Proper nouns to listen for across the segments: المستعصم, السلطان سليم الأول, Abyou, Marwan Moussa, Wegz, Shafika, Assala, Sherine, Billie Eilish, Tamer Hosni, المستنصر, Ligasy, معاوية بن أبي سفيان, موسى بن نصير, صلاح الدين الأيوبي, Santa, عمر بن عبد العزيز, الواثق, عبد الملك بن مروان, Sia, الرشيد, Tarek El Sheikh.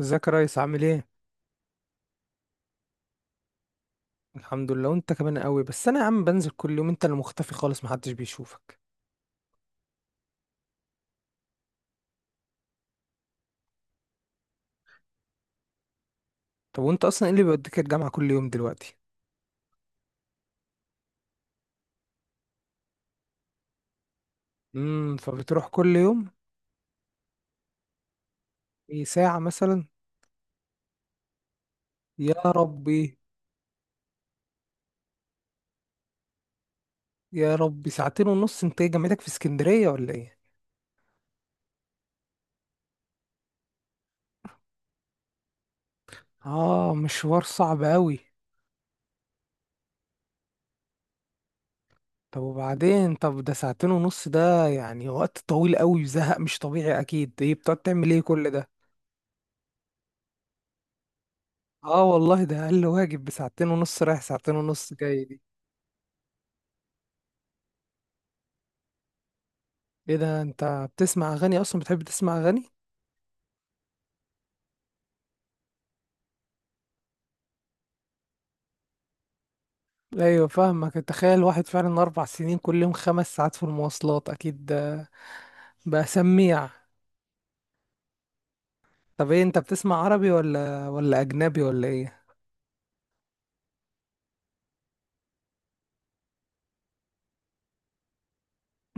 ازيك يا ريس، عامل ايه؟ الحمد لله وانت كمان قوي. بس انا يا عم بنزل كل يوم، انت اللي مختفي خالص، محدش بيشوفك. طب وانت اصلا ايه اللي بيوديك الجامعة كل يوم دلوقتي؟ فبتروح كل يوم؟ ايه، ساعة مثلا؟ يا ربي! يا ربي، ساعتين ونص! انت ايه، جامعتك في اسكندرية ولا ايه؟ اه، مشوار صعب قوي. طب وبعدين، طب ده ساعتين ونص، ده يعني وقت طويل قوي وزهق مش طبيعي اكيد. ايه بتقعد تعمل ايه كل ده؟ اه والله ده اقل واجب، بساعتين ونص رايح ساعتين ونص جاي. ايه ده؟ انت بتسمع اغاني اصلا؟ بتحب تسمع اغاني؟ ايوه فاهمك. تخيل واحد فعلا 4 سنين كل يوم 5 ساعات في المواصلات! اكيد ده بقى سميع. طب ايه، انت بتسمع عربي ولا اجنبي ولا ايه؟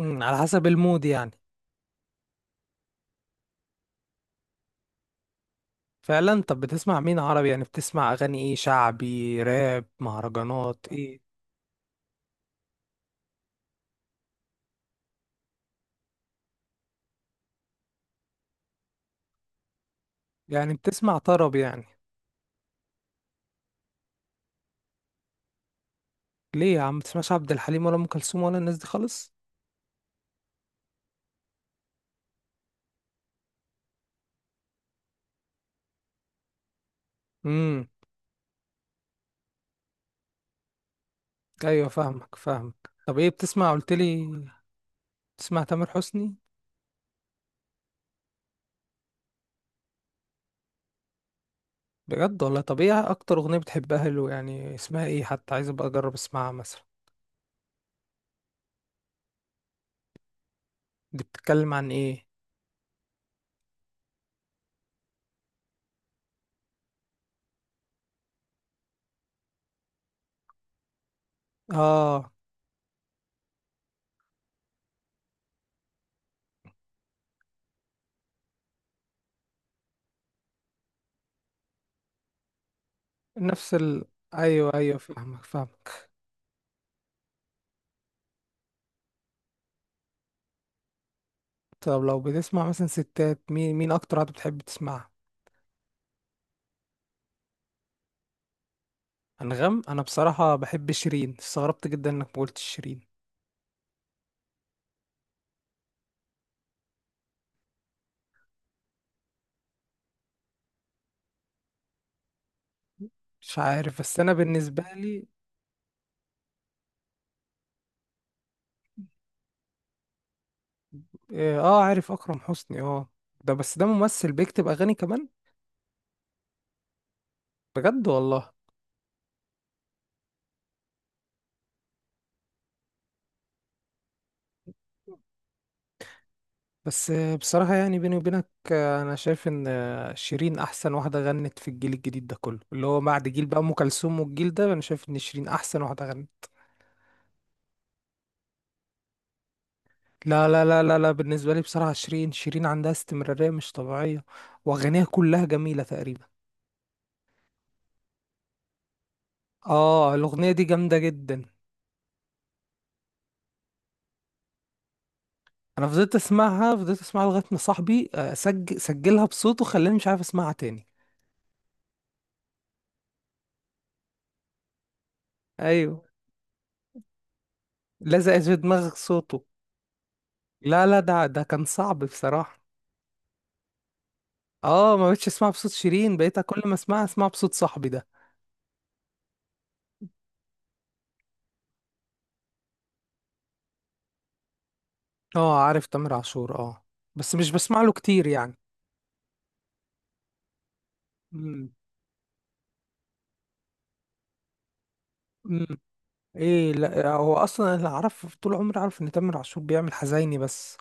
على حسب المود يعني. فعلا. طب بتسمع مين عربي؟ يعني بتسمع اغاني ايه، شعبي، راب، مهرجانات، ايه؟ يعني بتسمع طرب يعني؟ ليه يا عم بتسمعش عبد الحليم ولا ام كلثوم ولا الناس دي خالص؟ امم. ايوه فاهمك فاهمك. طب ايه بتسمع قلت لي؟ بتسمع تامر حسني؟ بجد والله. طب ايه اكتر اغنية بتحبها له، يعني اسمها ايه حتى عايز ابقى اجرب اسمعها مثلا؟ دي بتتكلم عن ايه؟ اه. نفس ال ايوه ايوه فاهمك فاهمك. طب لو بتسمع مثلا ستات، مين اكتر واحدة بتحب تسمعها؟ انغام. انا بصراحة بحب شيرين، استغربت جدا انك ما قلتش شيرين. مش عارف بس انا بالنسبة لي. اه، عارف اكرم حسني اه. ده بس ده ممثل بيكتب اغاني كمان؟ بجد والله. بس. بصراحة يعني بيني وبينك، أنا شايف إن شيرين أحسن واحدة غنت في الجيل الجديد ده كله، اللي هو بعد جيل بقى أم كلثوم والجيل ده. أنا شايف إن شيرين أحسن واحدة غنت. لا لا لا لا لا، بالنسبة لي بصراحة شيرين، شيرين عندها استمرارية مش طبيعية، وأغانيها كلها جميلة تقريبا. آه الأغنية دي جامدة جدا. أنا فضلت أسمعها فضلت أسمعها لغاية ما صاحبي سجلها بصوته، خلاني مش عارف أسمعها تاني. أيوه. لزقت في دماغك صوته. لا لا ده كان صعب بصراحة. اه ما بقتش اسمعها بصوت شيرين، بقيت كل ما اسمعها اسمعها بصوت صاحبي ده. اه عارف تامر عاشور اه. بس مش بسمع له كتير يعني. امم. امم. ايه، لا هو اصلا اللي اعرف، طول عمري اعرف ان تامر عاشور بيعمل حزيني بس.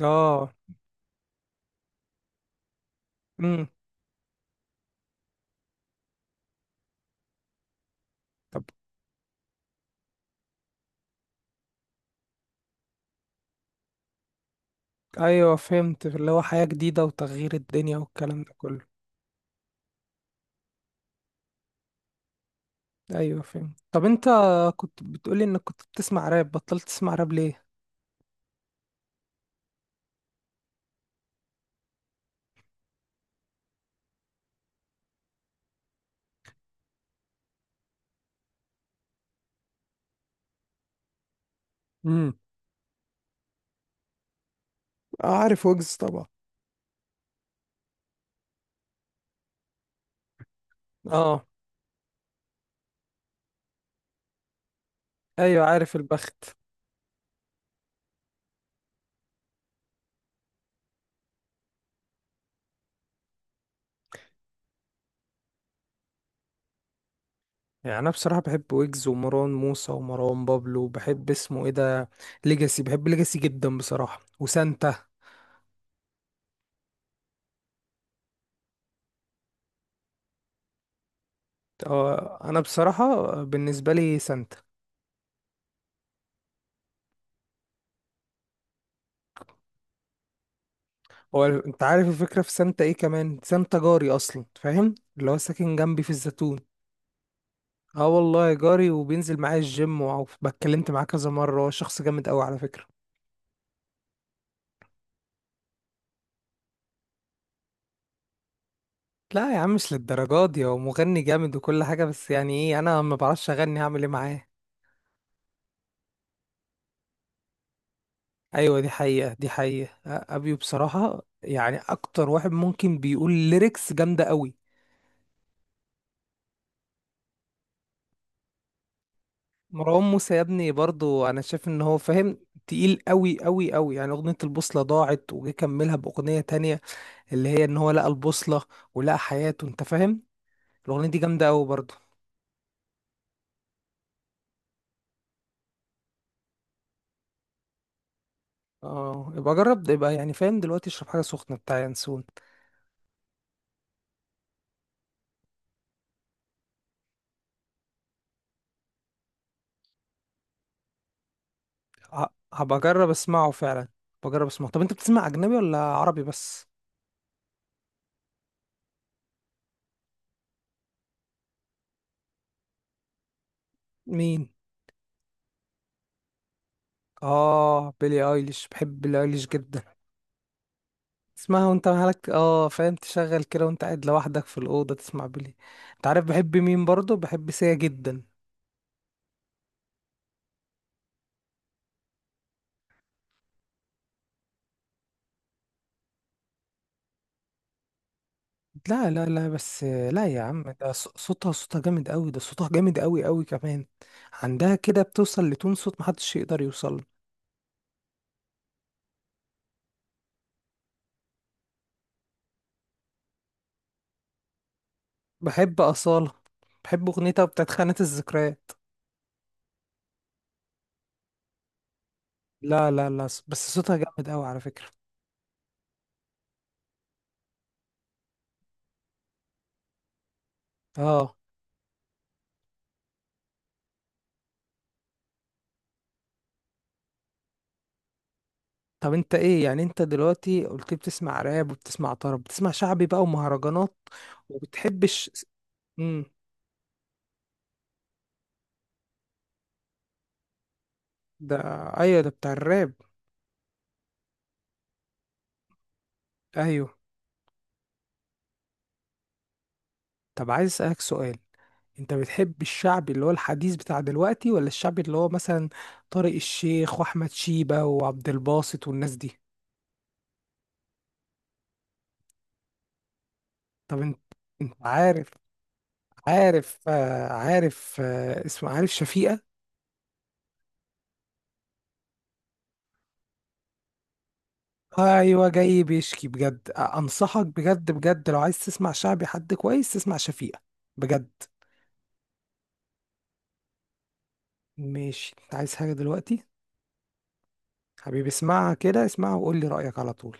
اه. امم. طب. ايوه فهمت، اللي هو حياة جديدة وتغيير الدنيا والكلام ده كله. ايوه فهمت. طب انت كنت بتقولي انك كنت بتسمع راب، بطلت تسمع راب ليه؟ امم. عارف ويجز طبعا. اه. ايوه عارف البخت. يعني انا بصراحه بحب ويجز ومروان موسى ومروان بابلو، بحب اسمه ايه ده، ليجاسي. بحب ليجاسي جدا بصراحه، وسانتا. اه انا بصراحه بالنسبه لي سانتا. هو انت عارف الفكره في سانتا ايه كمان، سانتا جاري اصلا فاهم، اللي هو ساكن جنبي في الزيتون. اه والله جاري، وبينزل معايا الجيم، واتكلمت معاه كذا مره، هو شخص جامد قوي على فكره. لا يا عم مش للدرجات دي، هو مغني جامد وكل حاجه، بس يعني ايه انا ما بعرفش اغني، هعمل ايه معاه؟ ايوه دي حقيقة دي حقيقة، ابيو بصراحة يعني اكتر واحد ممكن بيقول ليركس جامدة قوي. مروان موسى يا ابني برضو انا شايف ان هو فاهم، تقيل قوي قوي قوي، يعني اغنية البوصلة ضاعت وجه كملها باغنية تانية اللي هي ان هو لقى البوصلة ولقى حياته انت فاهم. الاغنية دي جامدة قوي برضو. اه يبقى جرب، يبقى يعني فاهم دلوقتي اشرب حاجة سخنة بتاع ينسون. هبقى اجرب اسمعه فعلا، بجرب اسمعه. طب انت بتسمع اجنبي ولا عربي بس؟ مين؟ اه بيلي ايليش، بحب بيلي ايليش جدا. تسمعها وانت مالك، اه فاهم، تشغل كده وانت قاعد لوحدك في الاوضه تسمع بيلي. انت عارف بحب مين برضه، بحب سيا جدا. لا لا لا بس لا يا عم، ده صوتها جامد قوي، ده صوتها جامد قوي قوي كمان. عندها كده بتوصل لتون صوت محدش يقدر يوصل له. بحب أصالة، بحب أغنيتها بتاعت خانة الذكريات. لا لا لا بس صوتها جامد قوي على فكرة. اه. طب انت ايه يعني، انت دلوقتي قلت بتسمع راب وبتسمع طرب، بتسمع شعبي بقى ومهرجانات وبتحبش؟ امم. ده. ايوه ده بتاع الراب. ايوه. طب عايز اسالك سؤال، انت بتحب الشعبي اللي هو الحديث بتاع دلوقتي، ولا الشعبي اللي هو مثلا طارق الشيخ واحمد شيبة وعبد الباسط والناس دي؟ طب انت، انت عارف. عارف عارف اسمه عارف شفيقة. ايوه جاي بيشكي، بجد انصحك بجد بجد لو عايز تسمع شعبي حد كويس تسمع شفيقة. بجد. ماشي، انت عايز حاجة دلوقتي؟ حبيبي اسمعها كده، اسمعها وقول لي رأيك على طول.